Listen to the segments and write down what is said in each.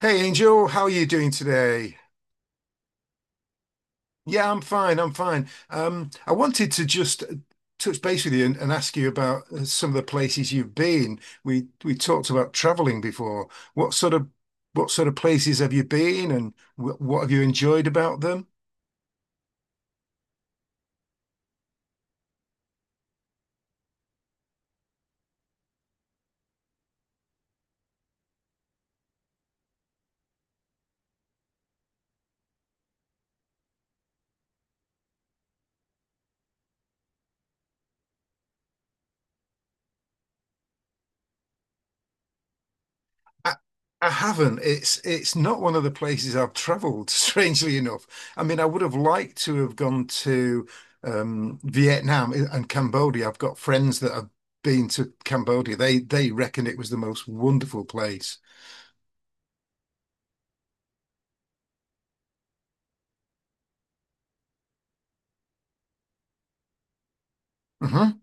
Hey Angel, how are you doing today? Yeah, I'm fine. I wanted to just touch base with you and ask you about some of the places you've been. We talked about traveling before. What sort of what sort of places have you been, and wh what have you enjoyed about them? I, I haven't. It's not one of the places I've traveled, strangely enough. I mean, I would have liked to have gone to Vietnam and Cambodia. I've got friends that have been to Cambodia. They reckon it was the most wonderful place. Hmm.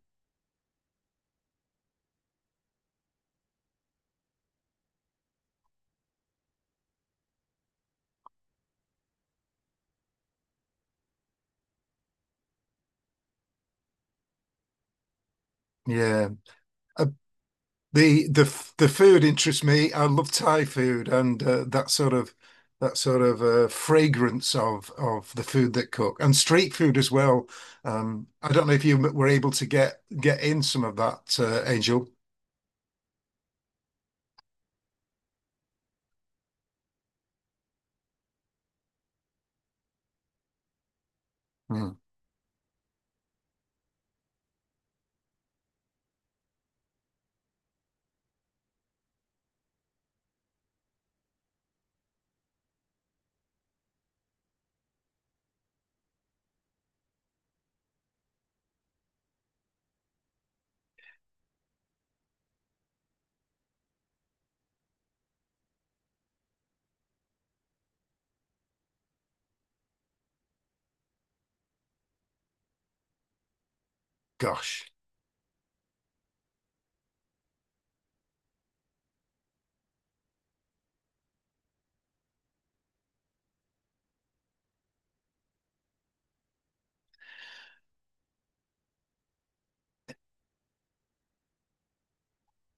Yeah. the the the food interests me. I love Thai food and that sort of fragrance of the food that cook and street food as well. I don't know if you were able to get in some of that, Angel. Mm. Gosh.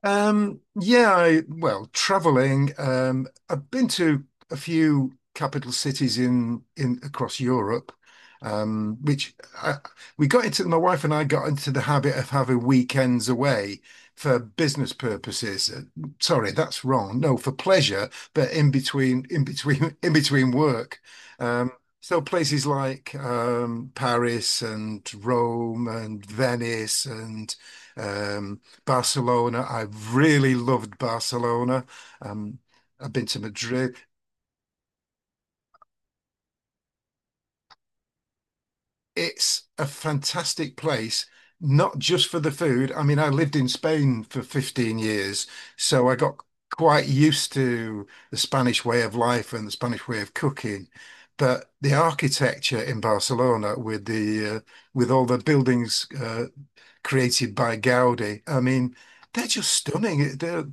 Yeah, well, traveling. I've been to a few capital cities in across Europe, um, which I, we got into. My wife and I got into the habit of having weekends away for business purposes. Sorry, that's wrong. No, for pleasure, but in between work. Um, so places like Paris and Rome and Venice and. Um, Barcelona. I've really loved Barcelona. Um, I've been to Madrid. It's a fantastic place, not just for the food. I mean, I lived in Spain for 15 years, so I got quite used to the Spanish way of life and the Spanish way of cooking. But the architecture in Barcelona, with the with all the buildings created by Gaudi, I mean, they're just stunning. They're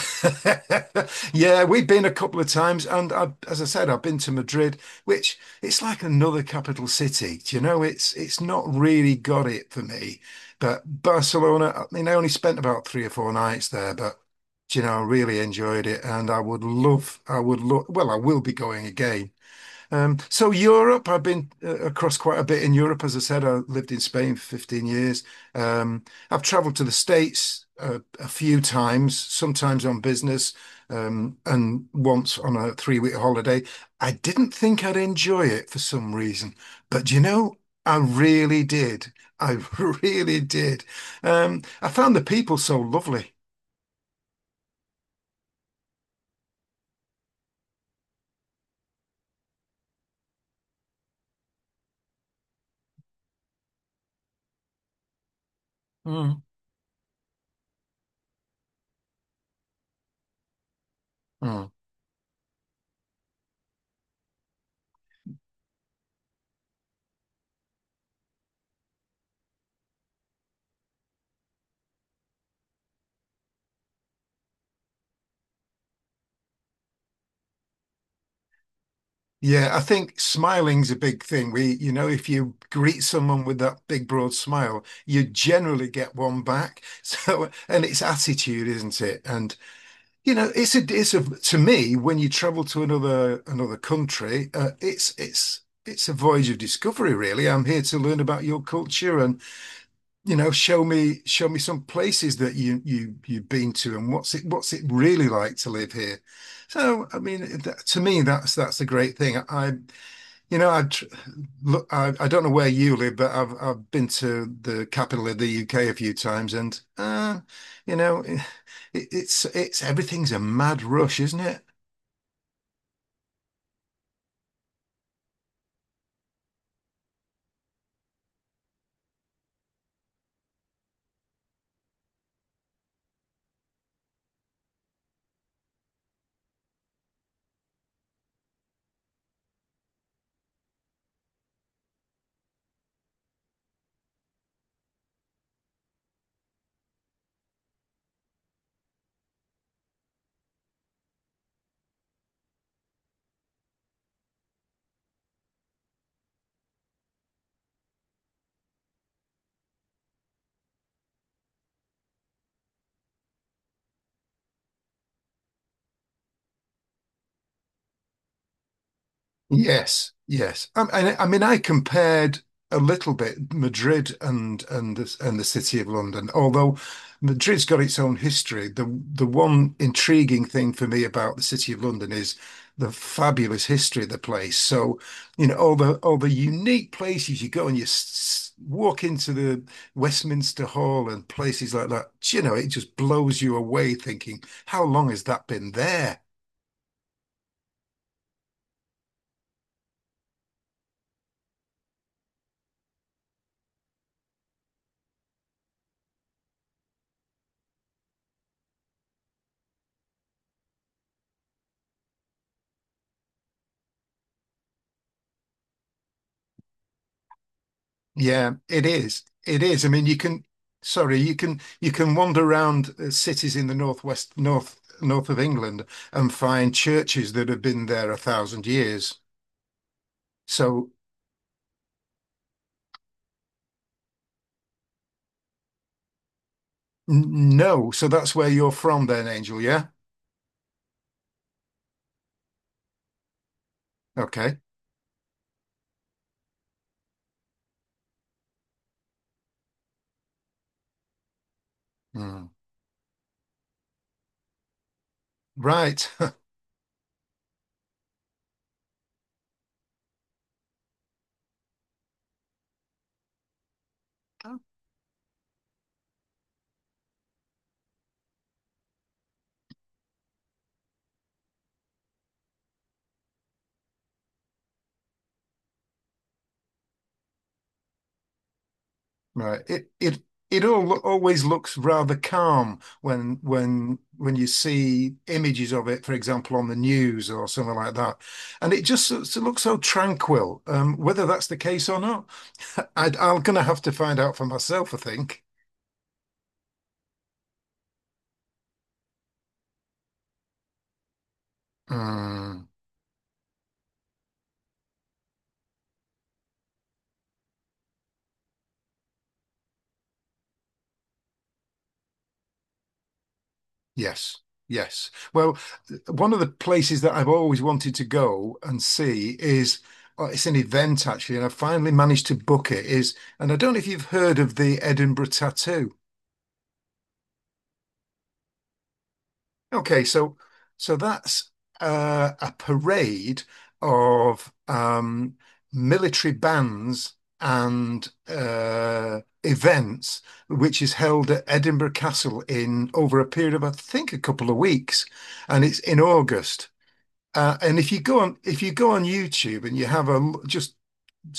yeah, we've been a couple of times, and as I said, I've been to Madrid, which it's like another capital city. Do you know, it's not really got it for me. But Barcelona, I mean, I only spent about three or four nights there, but do you know, I really enjoyed it, and I would love, well, I will be going again. So Europe, I've been across quite a bit in Europe. As I said, I lived in Spain for 15 years. Um, I've traveled to the States a few times, sometimes on business, and once on a three-week holiday. I didn't think I'd enjoy it for some reason, but do you know, I really did. I really did. I found the people so lovely. Mm. Mm. Yeah, I think smiling's a big thing. You know, if you greet someone with that big broad smile, you generally get one back. So, and it's attitude, isn't it? And you know, it's a, to me, when you travel to another country, it's a voyage of discovery, really. I'm here to learn about your culture and, you know, show me some places that you've been to and what's it really like to live here. So, I mean, that, to me, that's a great thing. I you know, I tr- Look, I don't know where you live, but I've been to the capital of the UK a few times, and you know, it's everything's a mad rush, isn't it? Yes, yes. I mean, I compared a little bit Madrid and and the City of London. Although Madrid's got its own history, the one intriguing thing for me about the City of London is the fabulous history of the place. So, you know, all the unique places you go and you walk into the Westminster Hall and places like that. You know, it just blows you away thinking, how long has that been there? Yeah, it is. It is. I mean, sorry, you can wander around cities in the northwest, north of England and find churches that have been there a thousand years. So no, so that's where you're from then, Angel, yeah? Okay. Hmm. Right. Right. It all always looks rather calm when you see images of it, for example, on the news or something like that, and it just sort of looks so tranquil. Whether that's the case or not, I'm gonna have to find out for myself, I think. Mm, yes, yes. Well, one of the places that I've always wanted to go and see is. Oh, it's an event actually, and I finally managed to book it. Is and I don't know if you've heard of the Edinburgh Tattoo. Okay, so that's a parade of military bands and events, which is held at Edinburgh Castle in over a period of I think a couple of weeks, and it's in August. And if you go on YouTube and you have just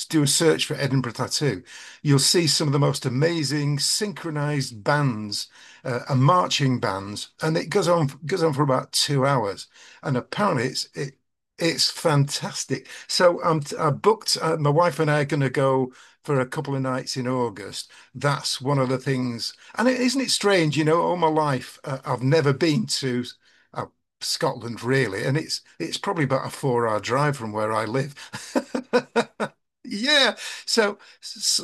do a search for Edinburgh Tattoo, you'll see some of the most amazing synchronized bands and marching bands, and it goes on goes on for about 2 hours. And apparently, it's fantastic. So I booked. My wife and I are going to go for a couple of nights in August. That's one of the things. And isn't it strange? You know, all my life I've never been to. Uh, Scotland, really, and it's probably about a four-hour drive from where I live. Yeah. So, s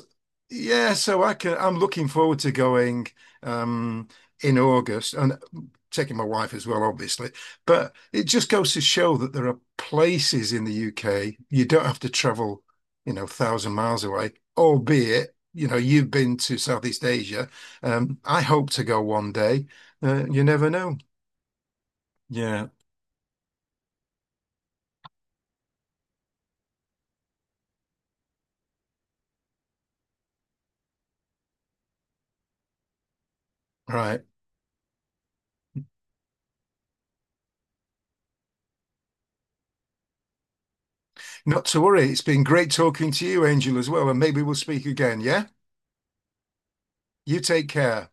yeah, so I'm looking forward to going um in August and taking my wife as well, obviously. But it just goes to show that there are places in the UK you don't have to travel, you know, thousand miles away, albeit, you know, you've been to Southeast Asia. I hope to go one day. You never know. Yeah. Right. Not to worry. It's been great talking to you, Angel, as well, and maybe we'll speak again, yeah? You take care.